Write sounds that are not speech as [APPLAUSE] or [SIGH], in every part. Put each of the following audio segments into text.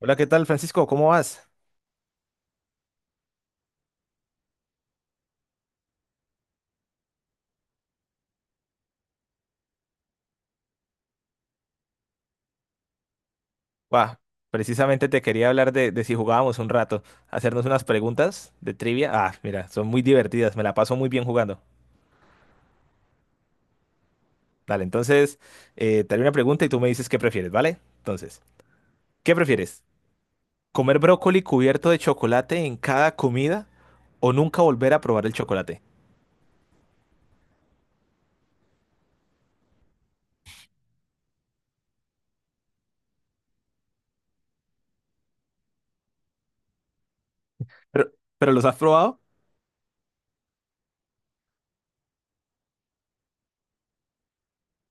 Hola, ¿qué tal, Francisco? ¿Cómo vas? Bah, precisamente te quería hablar de si jugábamos un rato, hacernos unas preguntas de trivia. Ah, mira, son muy divertidas, me la paso muy bien jugando. Dale, entonces, te haré una pregunta y tú me dices qué prefieres, ¿vale? Entonces, ¿qué prefieres? ¿Comer brócoli cubierto de chocolate en cada comida o nunca volver a probar el chocolate? ¿Pero, pero los has probado?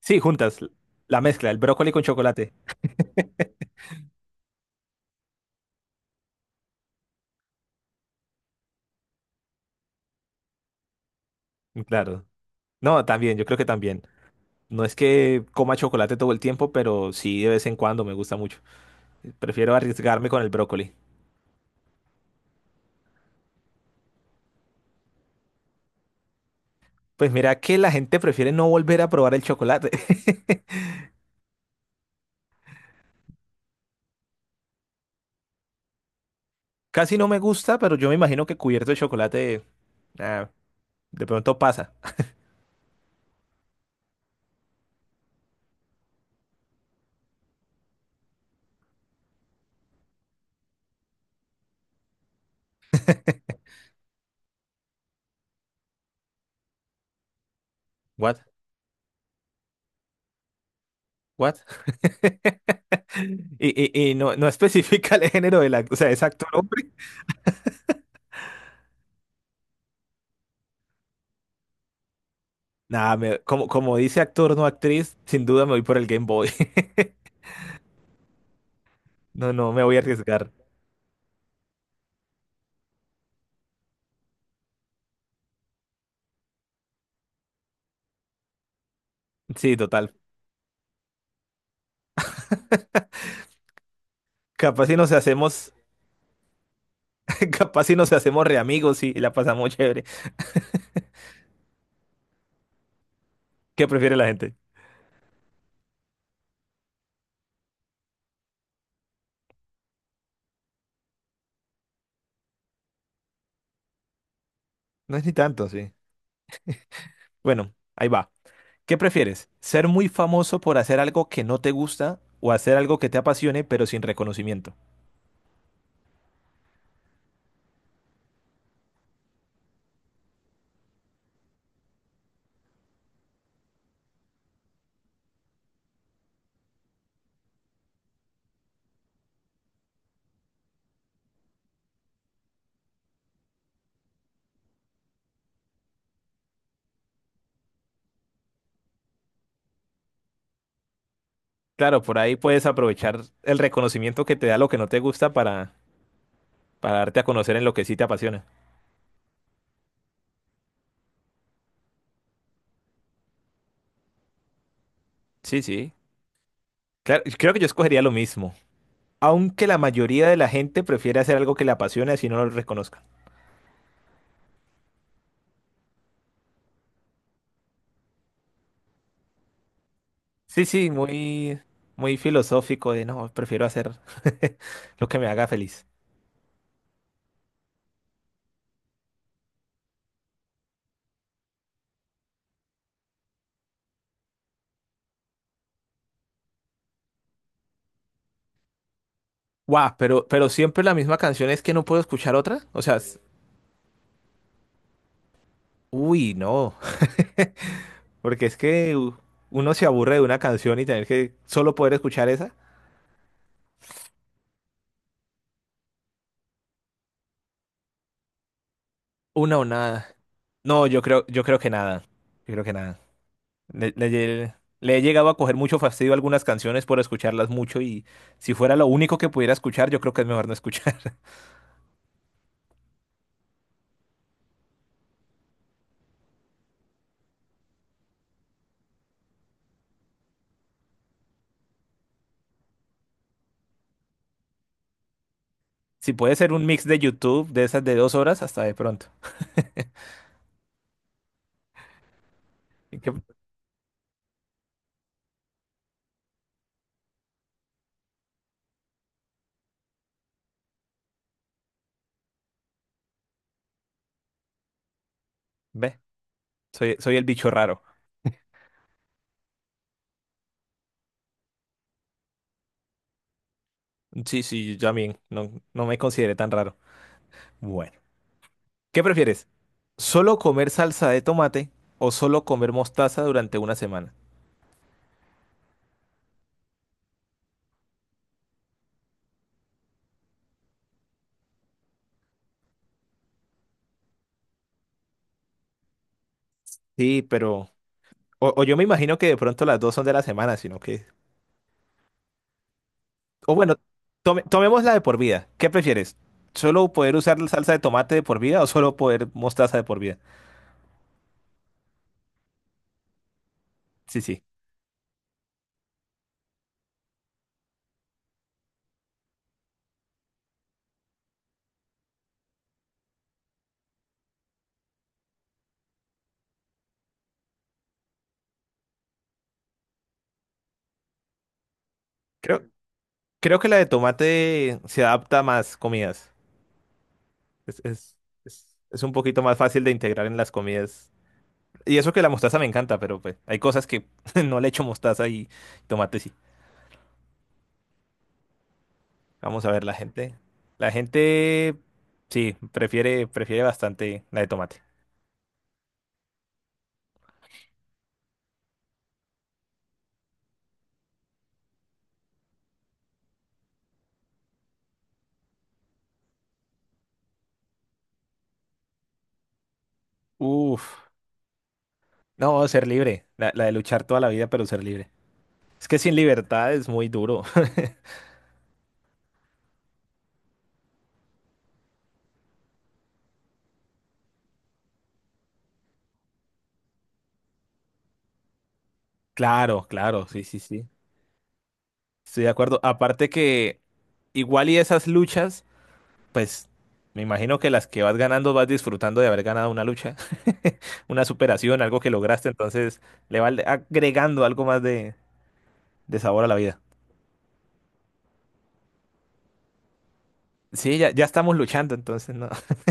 Sí, juntas, la mezcla, el brócoli con chocolate. Claro. No, también, yo creo que también. No es que coma chocolate todo el tiempo, pero sí de vez en cuando me gusta mucho. Prefiero arriesgarme con el brócoli. Pues mira que la gente prefiere no volver a probar el chocolate. [LAUGHS] Casi no me gusta, pero yo me imagino que cubierto de chocolate, ah, de pronto pasa. What? What? [LAUGHS] Y, y no, no [LAUGHS] especifica el género del actor, o sea, es actor hombre. Nada, como, como dice actor, no actriz, sin duda me voy por el Game Boy. [LAUGHS] No, no, me voy a arriesgar. Sí, total. Capaz si nos hacemos [LAUGHS] Capaz si nos hacemos re amigos y la pasamos [LAUGHS] chévere. ¿Qué prefiere la gente? No es ni tanto, sí. Bueno, ahí va. ¿Qué prefieres? ¿Ser muy famoso por hacer algo que no te gusta o hacer algo que te apasione pero sin reconocimiento? Claro, por ahí puedes aprovechar el reconocimiento que te da lo que no te gusta para darte a conocer en lo que sí te apasiona. Sí, sí. Claro, creo que yo escogería lo mismo. Aunque la mayoría de la gente prefiere hacer algo que le apasione así no lo reconozca. Sí, sí, muy, muy filosófico de no, prefiero hacer [LAUGHS] lo que me haga feliz. Guau, pero siempre la misma canción es que no puedo escuchar otra. O sea, uy, no. [LAUGHS] Porque es que uno se aburre de una canción y tener que solo poder escuchar esa. Una o nada. No, yo creo que nada. Yo creo que nada. Le, le lle- le he llegado a coger mucho fastidio a algunas canciones por escucharlas mucho y si fuera lo único que pudiera escuchar, yo creo que es mejor no escuchar. Si puede ser un mix de YouTube de esas de 2 horas, hasta de pronto. Y que- ve, soy el bicho raro. Sí, sí, yo también. No, no me consideré tan raro. Bueno, ¿qué prefieres? ¿Solo comer salsa de tomate o solo comer mostaza durante una semana? Sí, pero... O yo me imagino que de pronto las dos son de la semana, sino que... O bueno, tomémosla de por vida. ¿Qué prefieres? ¿Solo poder usar la salsa de tomate de por vida o solo poder mostaza de por vida? Sí, sí. Creo, creo que la de tomate se adapta a más comidas. Es, es, es un poquito más fácil de integrar en las comidas. Y eso que la mostaza me encanta, pero pues hay cosas que [LAUGHS] no le echo mostaza y tomate sí. Vamos a ver, la gente. La gente sí, prefiere bastante la de tomate. Uf, no, ser libre. La de luchar toda la vida, pero ser libre. Es que sin libertad es muy duro. [LAUGHS] Claro, claro, sí, sí, sí. Estoy de acuerdo. Aparte que igual y esas luchas. Pues me imagino que las que vas ganando vas disfrutando de haber ganado una lucha, [LAUGHS] una superación, algo que lograste, entonces le va agregando algo más de sabor a la vida. Sí, ya estamos luchando, entonces no. [LAUGHS]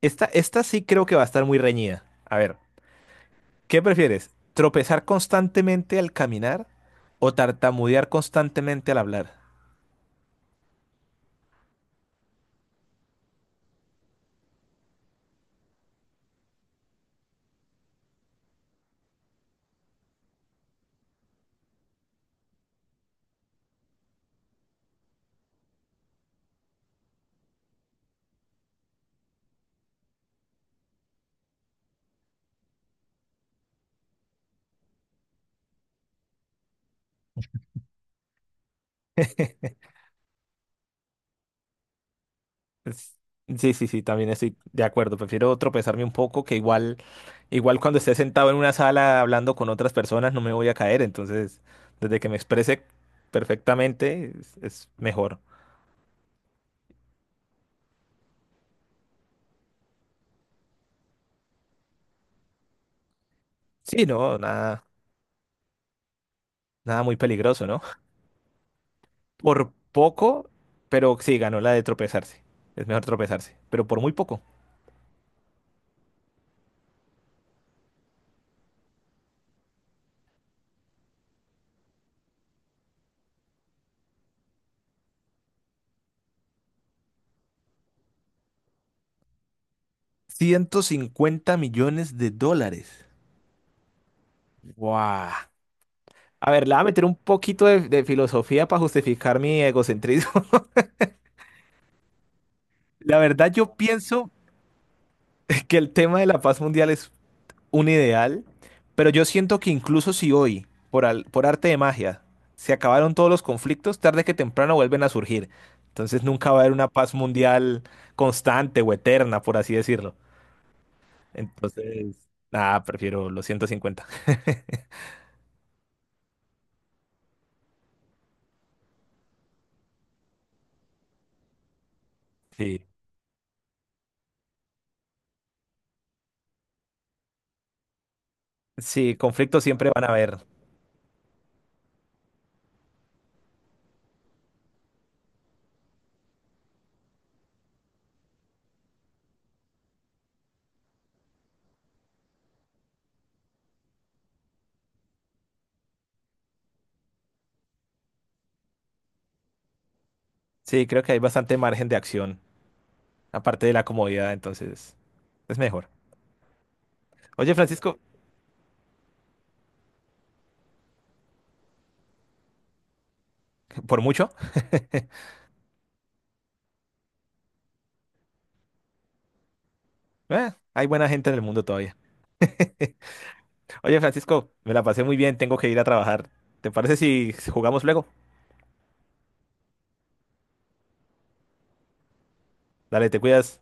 Esta sí creo que va a estar muy reñida. A ver, ¿qué prefieres? ¿Tropezar constantemente al caminar o tartamudear constantemente al hablar? Es- Sí, sí, sí, también estoy de acuerdo. Prefiero tropezarme un poco, que igual, igual cuando esté sentado en una sala hablando con otras personas no me voy a caer. Entonces, desde que me exprese perfectamente es mejor. Sí, no, nada, nada muy peligroso, ¿no? Por poco, pero sí, ganó la de tropezarse. Es mejor tropezarse, pero por muy poco. $150 millones. ¡Guau! A ver, le voy a meter un poquito de filosofía para justificar mi egocentrismo. La verdad, yo pienso [LAUGHS] que el tema de la paz mundial es un ideal, pero yo siento que incluso si hoy, por, por arte de magia, se acabaron todos los conflictos, tarde que temprano vuelven a surgir. Entonces nunca va a haber una paz mundial constante o eterna, por así decirlo. Entonces, nada, prefiero los 150. [LAUGHS] Sí. Sí, conflictos siempre van a haber. Sí, creo que hay bastante margen de acción, aparte de la comodidad, entonces es mejor. Oye, Francisco, ¿por mucho? Hay buena gente en el mundo todavía. [LAUGHS] Oye, Francisco, me la pasé muy bien, tengo que ir a trabajar. ¿Te parece si jugamos luego? Dale, te cuidas.